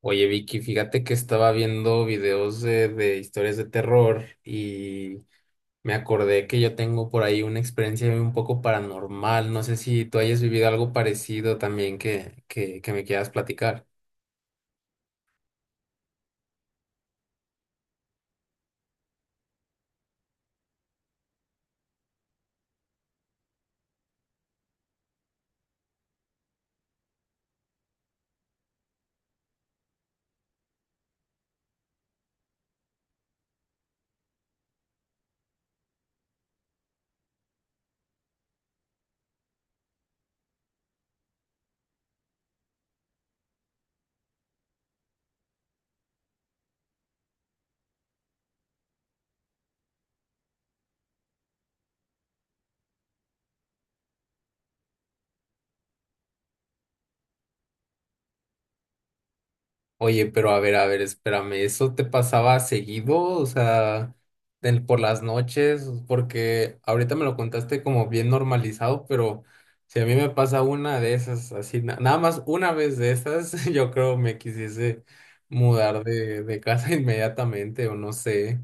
Oye, Vicky, fíjate que estaba viendo videos de historias de terror y me acordé que yo tengo por ahí una experiencia un poco paranormal. No sé si tú hayas vivido algo parecido también que me quieras platicar. Oye, pero a ver, espérame, ¿eso te pasaba seguido? O sea, por las noches, porque ahorita me lo contaste como bien normalizado, pero si a mí me pasa una de esas, así, nada más una vez de esas, yo creo me quisiese mudar de casa inmediatamente, o no sé.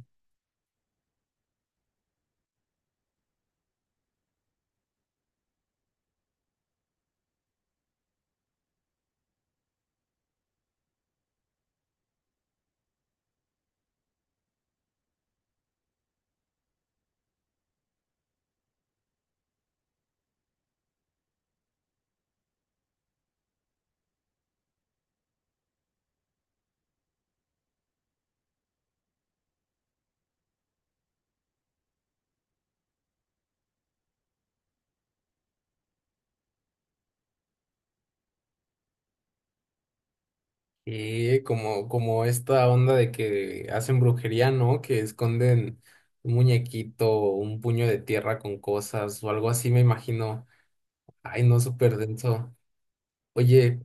Y como esta onda de que hacen brujería, ¿no? Que esconden un muñequito, un puño de tierra con cosas o algo así, me imagino. Ay, no, súper denso. Oye,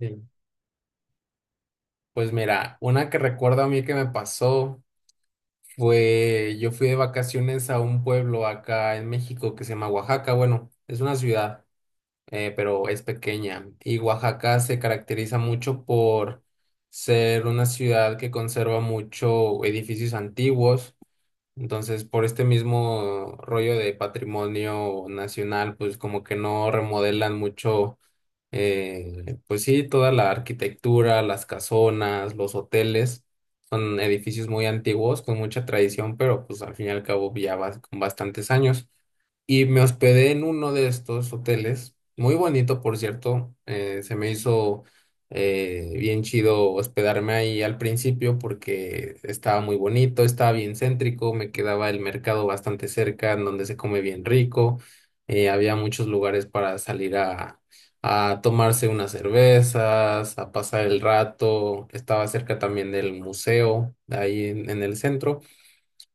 eh, pues mira, una que recuerdo a mí que me pasó fue, yo fui de vacaciones a un pueblo acá en México que se llama Oaxaca. Bueno, es una ciudad, pero es pequeña. Y Oaxaca se caracteriza mucho por ser una ciudad que conserva mucho edificios antiguos. Entonces, por este mismo rollo de patrimonio nacional, pues como que no remodelan mucho. Pues sí, toda la arquitectura, las casonas, los hoteles, son edificios muy antiguos, con mucha tradición, pero pues al fin y al cabo ya vas con bastantes años. Y me hospedé en uno de estos hoteles, muy bonito, por cierto. Se me hizo bien chido hospedarme ahí al principio porque estaba muy bonito, estaba bien céntrico, me quedaba el mercado bastante cerca, en donde se come bien rico. Había muchos lugares para salir a tomarse unas cervezas, a pasar el rato. Estaba cerca también del museo, ahí en el centro,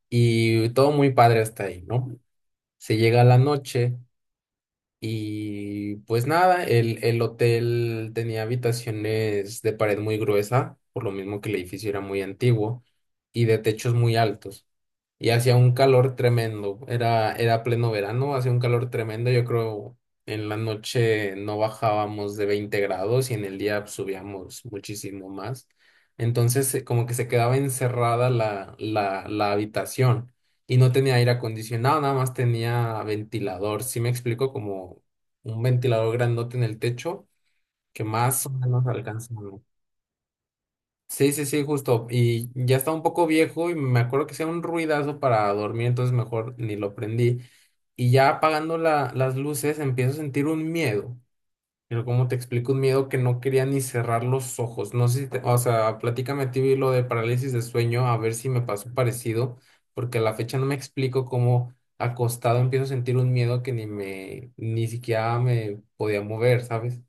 y todo muy padre hasta ahí, ¿no? Se llega la noche. Y pues nada, el hotel tenía habitaciones de pared muy gruesa, por lo mismo que el edificio era muy antiguo, y de techos muy altos y hacía un calor tremendo. Era pleno verano, hacía un calor tremendo. Yo creo en la noche no bajábamos de 20 grados y en el día subíamos muchísimo más. Entonces, como que se quedaba encerrada la habitación y no tenía aire acondicionado, nada más tenía ventilador. Sí me explico, como un ventilador grandote en el techo que más o menos alcanza, ¿no? Sí, sí, sí, justo. Y ya está un poco viejo y me acuerdo que hacía un ruidazo para dormir, entonces mejor ni lo prendí. Y ya apagando las luces empiezo a sentir un miedo. Pero como te explico, un miedo que no quería ni cerrar los ojos. No sé si o sea, platícame a ti lo de parálisis de sueño, a ver si me pasó parecido, porque a la fecha no me explico cómo acostado empiezo a sentir un miedo que ni siquiera me podía mover, ¿sabes?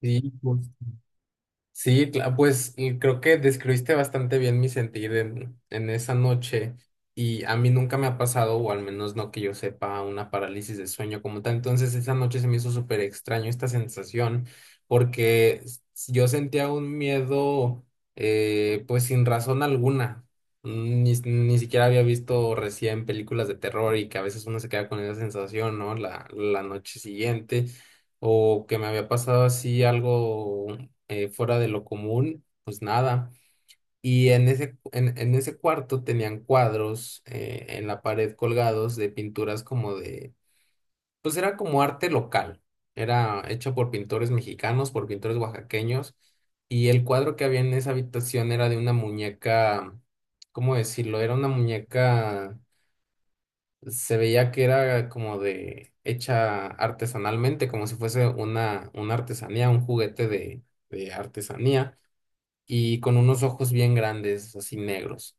Sí. Sí, pues y creo que describiste bastante bien mi sentir en esa noche y a mí nunca me ha pasado, o al menos no que yo sepa, una parálisis de sueño como tal. Entonces esa noche se me hizo súper extraño esta sensación porque yo sentía un miedo pues sin razón alguna. Ni siquiera había visto recién películas de terror y que a veces uno se queda con esa sensación, ¿no? La noche siguiente o que me había pasado así algo fuera de lo común, pues nada. Y en ese, en ese cuarto tenían cuadros en la pared colgados de pinturas como pues era como arte local, era hecho por pintores mexicanos, por pintores oaxaqueños, y el cuadro que había en esa habitación era de una muñeca. ¿Cómo decirlo? Era una muñeca, se veía que era como de, hecha artesanalmente, como si fuese una artesanía, un juguete de artesanía y con unos ojos bien grandes, así negros,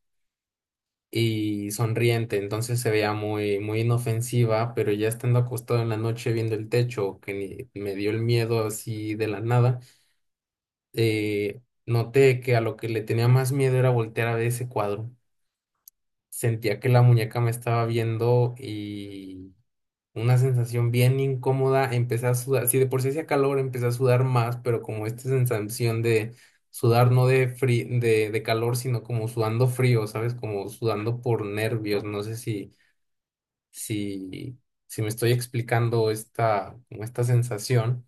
y sonriente, entonces se veía muy, muy inofensiva, pero ya estando acostado en la noche viendo el techo, que me dio el miedo así de la nada. Noté que a lo que le tenía más miedo era voltear a ver ese cuadro. Sentía que la muñeca me estaba viendo. Una sensación bien incómoda, empecé a sudar, si de por sí hacía calor, empecé a sudar más, pero como esta sensación de sudar no de, de calor, sino como sudando frío, ¿sabes? Como sudando por nervios, no sé si, si me estoy explicando esta, como esta sensación.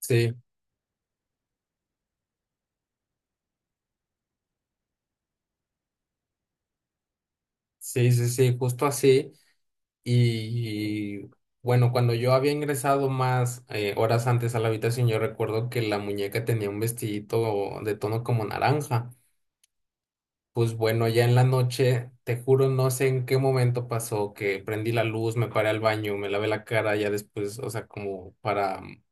Sí, sí, sí, sí, justo así. Y bueno, cuando yo había ingresado más horas antes a la habitación, yo recuerdo que la muñeca tenía un vestidito de tono como naranja. Pues bueno, ya en la noche, te juro, no sé en qué momento pasó que prendí la luz, me paré al baño, me lavé la cara, ya después, o sea, como para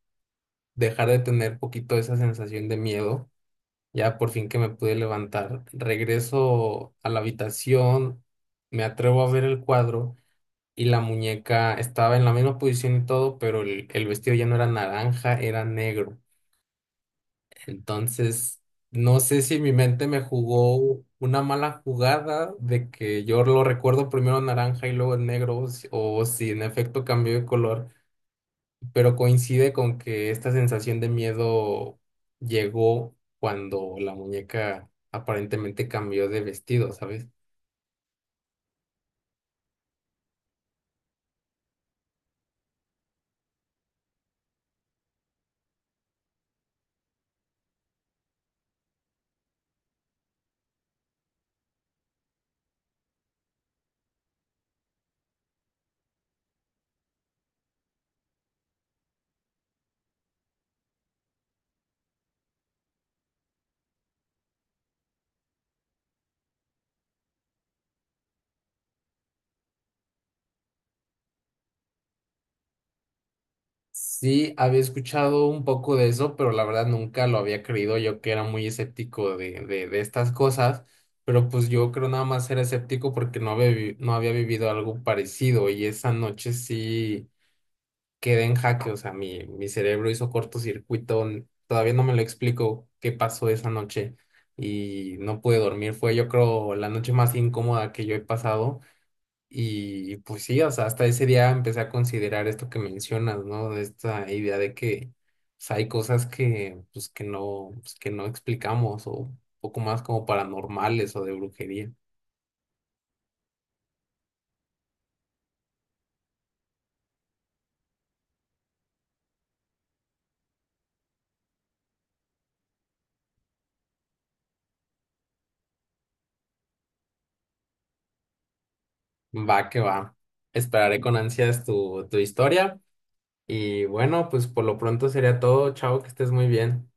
dejar de tener poquito esa sensación de miedo, ya por fin que me pude levantar. Regreso a la habitación, me atrevo a ver el cuadro y la muñeca estaba en la misma posición y todo, pero el vestido ya no era naranja, era negro. Entonces, no sé si mi mente me jugó una mala jugada de que yo lo recuerdo primero naranja y luego en negro, o o si en efecto cambió de color, pero coincide con que esta sensación de miedo llegó cuando la muñeca aparentemente cambió de vestido, ¿sabes? Sí, había escuchado un poco de eso, pero la verdad nunca lo había creído yo que era muy escéptico de estas cosas, pero pues yo creo nada más era escéptico porque no había, no había vivido algo parecido y esa noche sí quedé en jaque, o sea, mi cerebro hizo cortocircuito, todavía no me lo explico qué pasó esa noche y no pude dormir, fue yo creo la noche más incómoda que yo he pasado. Y pues sí, o sea, hasta ese día empecé a considerar esto que mencionas, ¿no? De esta idea de que pues, hay cosas que, pues, que no explicamos, o un poco más como paranormales o de brujería. Va que va. Esperaré con ansias tu historia. Y bueno, pues por lo pronto sería todo. Chao, que estés muy bien.